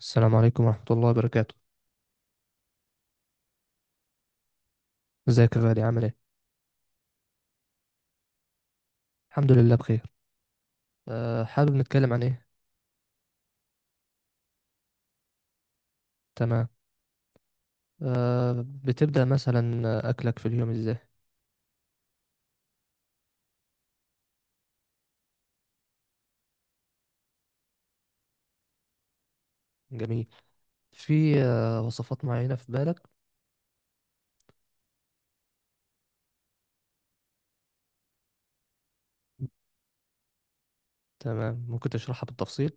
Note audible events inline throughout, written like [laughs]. السلام عليكم ورحمة الله وبركاته. ازيك يا غالي، عامل ايه؟ الحمد لله بخير. حابب نتكلم عن ايه؟ تمام. بتبدأ مثلا، أكلك في اليوم ازاي؟ جميل. في وصفات معينة في بالك؟ تمام، ممكن تشرحها بالتفصيل؟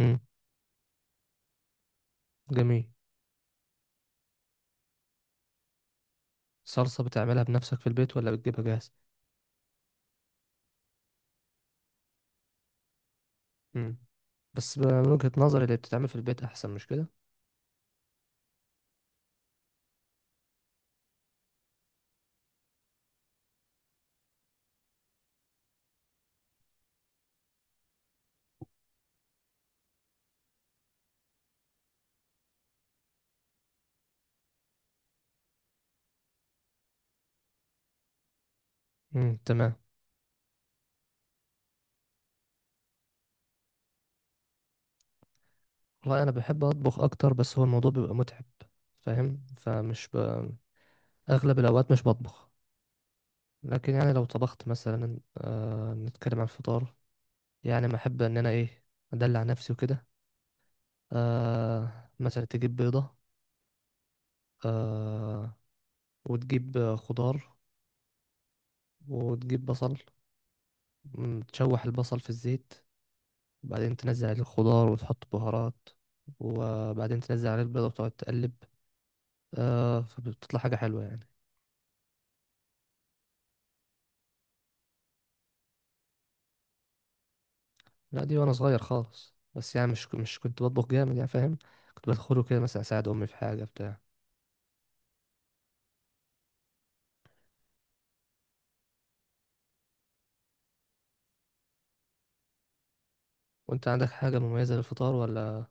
مم. جميل. صلصة بتعملها بنفسك في البيت ولا بتجيبها جاهز؟ مم. بس من وجهة نظري اللي بتتعمل في البيت أحسن، مش كده؟ مم. تمام. والله أنا بحب أطبخ أكتر، بس هو الموضوع بيبقى متعب، فاهم؟ أغلب الأوقات مش بطبخ. لكن يعني لو طبخت مثلا، نتكلم عن الفطار. يعني ما احب ان انا ايه، ادلع نفسي وكده. مثلا تجيب بيضة، آه وتجيب خضار، وتجيب بصل، تشوح البصل في الزيت، وبعدين تنزل عليه الخضار وتحط بهارات، وبعدين تنزل عليه البيضة وتقعد تقلب. فبتطلع حاجة حلوة يعني. لا، دي وانا صغير خالص، بس يعني مش كنت بطبخ جامد يعني، فاهم. كنت بدخله كده مثلا اساعد امي في حاجة بتاع. وانت عندك حاجة مميزة للفطار ولا؟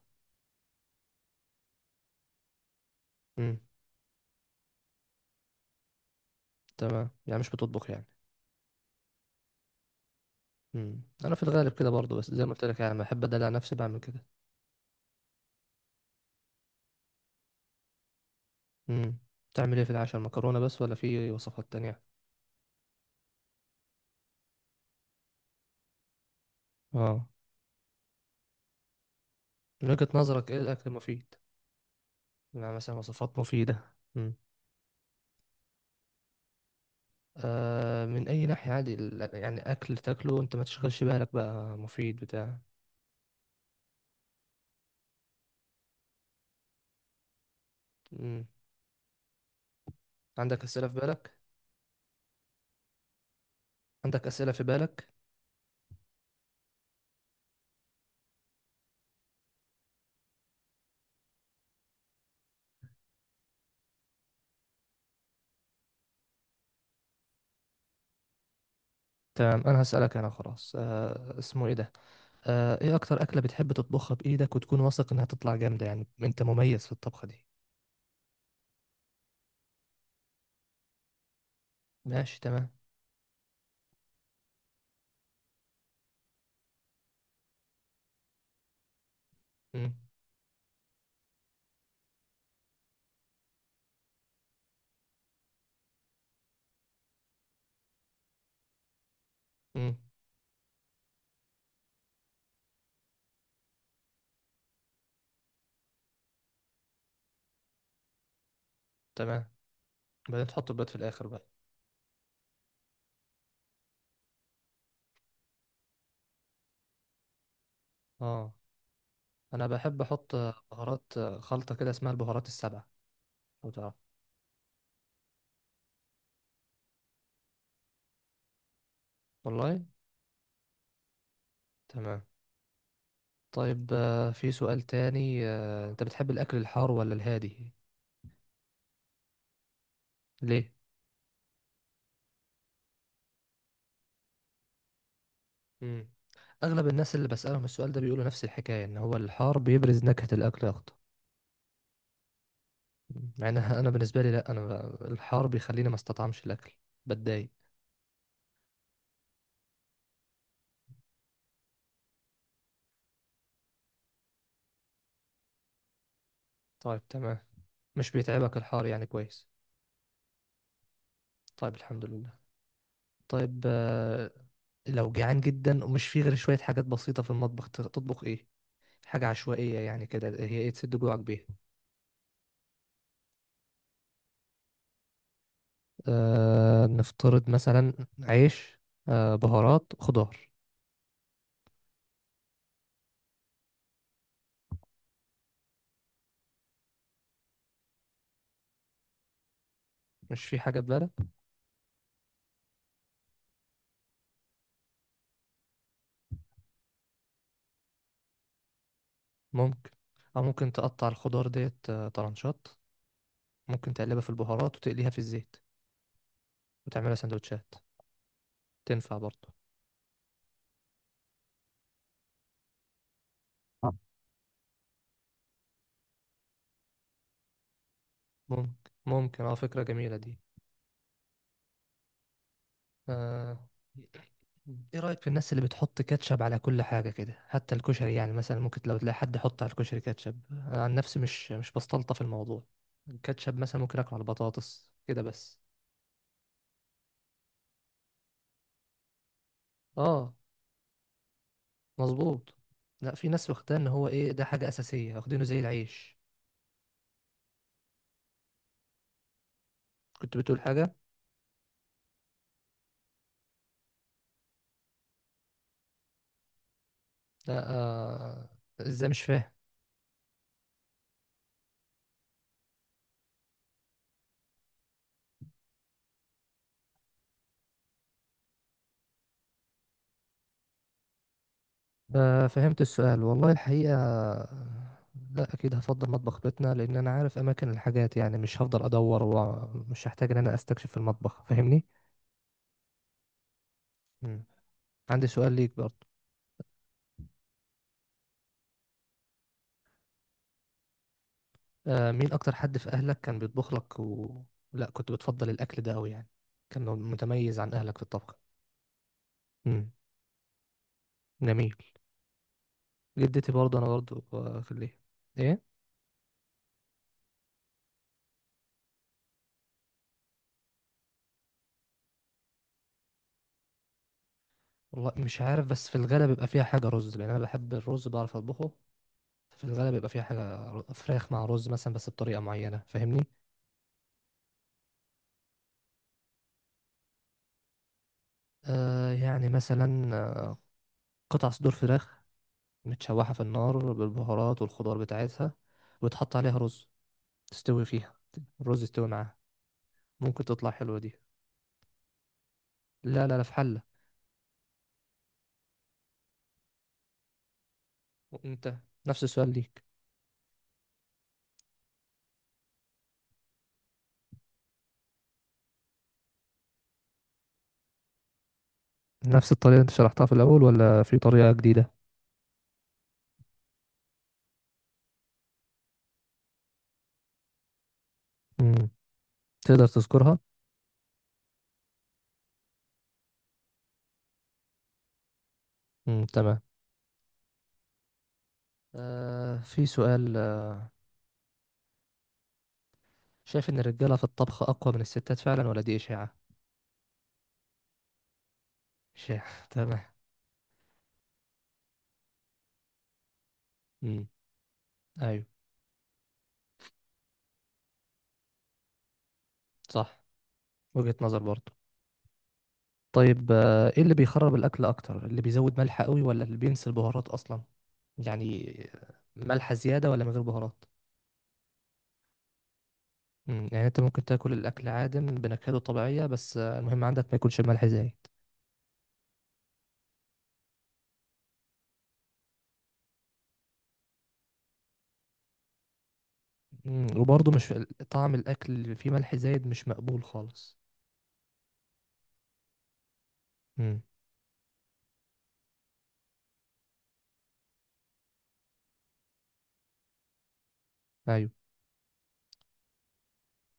امم. تمام، يعني مش بتطبخ يعني. انا في الغالب كده برضه، بس زي ما قلت لك، يعني لما احب ادلع نفسي بعمل كده. امم. تعمل ايه في العشاء؟ المكرونه بس ولا في وصفات تانية؟ اه. من وجهة نظرك ايه الاكل مفيد؟ يعني مثلا وصفات مفيده. من اي ناحيه؟ عادي، يعني اكل تاكله انت ما تشغلش بالك، بقى مفيد بتاع. امم. عندك اسئله في بالك؟ عندك اسئله في بالك؟ تمام، انا هسالك، انا خلاص. اسمه ايه ده، ايه اكتر اكلة بتحب تطبخها بايدك وتكون واثق انها تطلع جامدة، يعني انت مميز في الطبخة دي؟ ماشي، تمام. امم. امم. تمام، بعدين تحط البيض في الاخر بقى؟ اه. انا بحب احط بهارات خلطة كده اسمها البهارات السبعة، لو تعرف. والله. تمام. طيب، في سؤال تاني، انت بتحب الاكل الحار ولا الهادي؟ ليه؟ امم. اغلب الناس اللي بسألهم السؤال ده بيقولوا نفس الحكاية، ان هو الحار بيبرز نكهة الاكل اكتر. يعني انا بالنسبه لي، لا، انا، الحار بيخليني ما استطعمش الاكل، بتضايق. طيب، تمام. مش بيتعبك الحار يعني، كويس. طيب، الحمد لله. طيب، لو جعان جدا ومش فيه غير شويه حاجات بسيطه في المطبخ، تطبخ ايه؟ حاجه عشوائيه يعني كده، هي ايه تسد جوعك بيها؟ نفترض مثلا عيش، بهارات، خضار. مش في حاجه في بالك؟ ممكن. او ممكن تقطع الخضار ديت طرنشات، ممكن تقلبها في البهارات وتقليها في الزيت، وتعملها سندوتشات، تنفع برضه. آه. ممكن ممكن، فكرة جميلة دي. آه. ايه رأيك في الناس اللي بتحط كاتشب على كل حاجة كده، حتى الكشري؟ يعني مثلا ممكن لو تلاقي حد يحط على الكشري كاتشب، أنا عن نفسي مش بستلطف الموضوع. الكاتشب مثلا ممكن اكله على البطاطس كده بس. اه، مظبوط. لا، في ناس واخداه ان هو، ايه، ده حاجة أساسية، واخدينه زي العيش. كنت بتقول حاجة؟ لا. آه. ازاي؟ مش فاهم. فهمت السؤال والله الحقيقة. لا، أكيد هفضل مطبخ بيتنا، لأن أنا عارف أماكن الحاجات، يعني مش هفضل أدور ومش هحتاج إن أنا أستكشف في المطبخ، فاهمني؟ مم. عندي سؤال ليك برضه. مين أكتر حد في أهلك كان بيطبخ لك و لا كنت بتفضل الأكل ده أوي يعني، كان متميز عن أهلك في الطبخ؟ مم. جميل. جدتي برضه، أنا برضه في الإيه؟ إيه؟ والله مش عارف، بس في الغالب بيبقى فيها حاجة رز، لأن أنا بحب الرز، بعرف أطبخه. في الغالب بيبقى فيها حاجة فراخ مع رز مثلا، بس بطريقة معينة، فاهمني. يعني مثلا، قطع صدور فراخ متشوحة في النار بالبهارات والخضار بتاعتها، وتحط عليها رز تستوي فيها، الرز يستوي معاها، ممكن تطلع حلوة دي. لا، لا، لا، في حلة. وانت، نفس السؤال ليك. نفس الطريقة اللي انت شرحتها في الأول ولا في طريقة جديدة؟ مم. تقدر تذكرها؟ مم. تمام. في سؤال، شايف ان الرجالة في الطبخ أقوى من الستات فعلا ولا دي إشاعة؟ إشاعة. [laughs] تمام. مم. أيوه. صح، وجهة نظر برضه. طيب، ايه اللي بيخرب الاكل اكتر، اللي بيزود ملح قوي ولا اللي بينسى البهارات اصلا؟ يعني ملح زيادة ولا من غير بهارات؟ يعني انت ممكن تاكل الاكل عادم بنكهته طبيعية، بس المهم عندك ما يكونش ملح زايد. وبرضه مش، طعم الاكل اللي فيه ملح زايد مش مقبول خالص. مم، ايوه.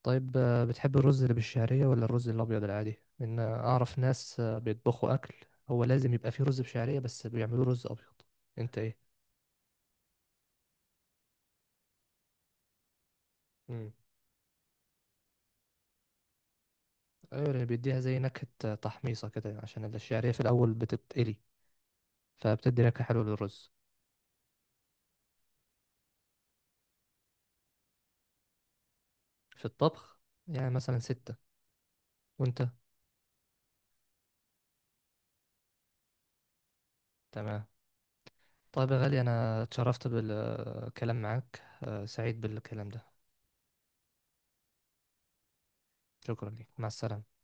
طيب، بتحب الرز اللي بالشعرية ولا الرز الابيض العادي؟ ان اعرف ناس بيطبخوا اكل هو لازم يبقى فيه رز بشعرية، بس بيعملوه رز ابيض. انت ايه؟ مم. ايوه، اللي بيديها زي نكهة تحميصة كده، عشان الشعرية في الأول بتتقلي، فبتدي نكهة حلوة للرز. في الطبخ، يعني مثلا ستة. وانت؟ تمام. طيب يا غالي، أنا اتشرفت بالكلام معاك، سعيد بالكلام ده. شكرا ليك، مع السلامة.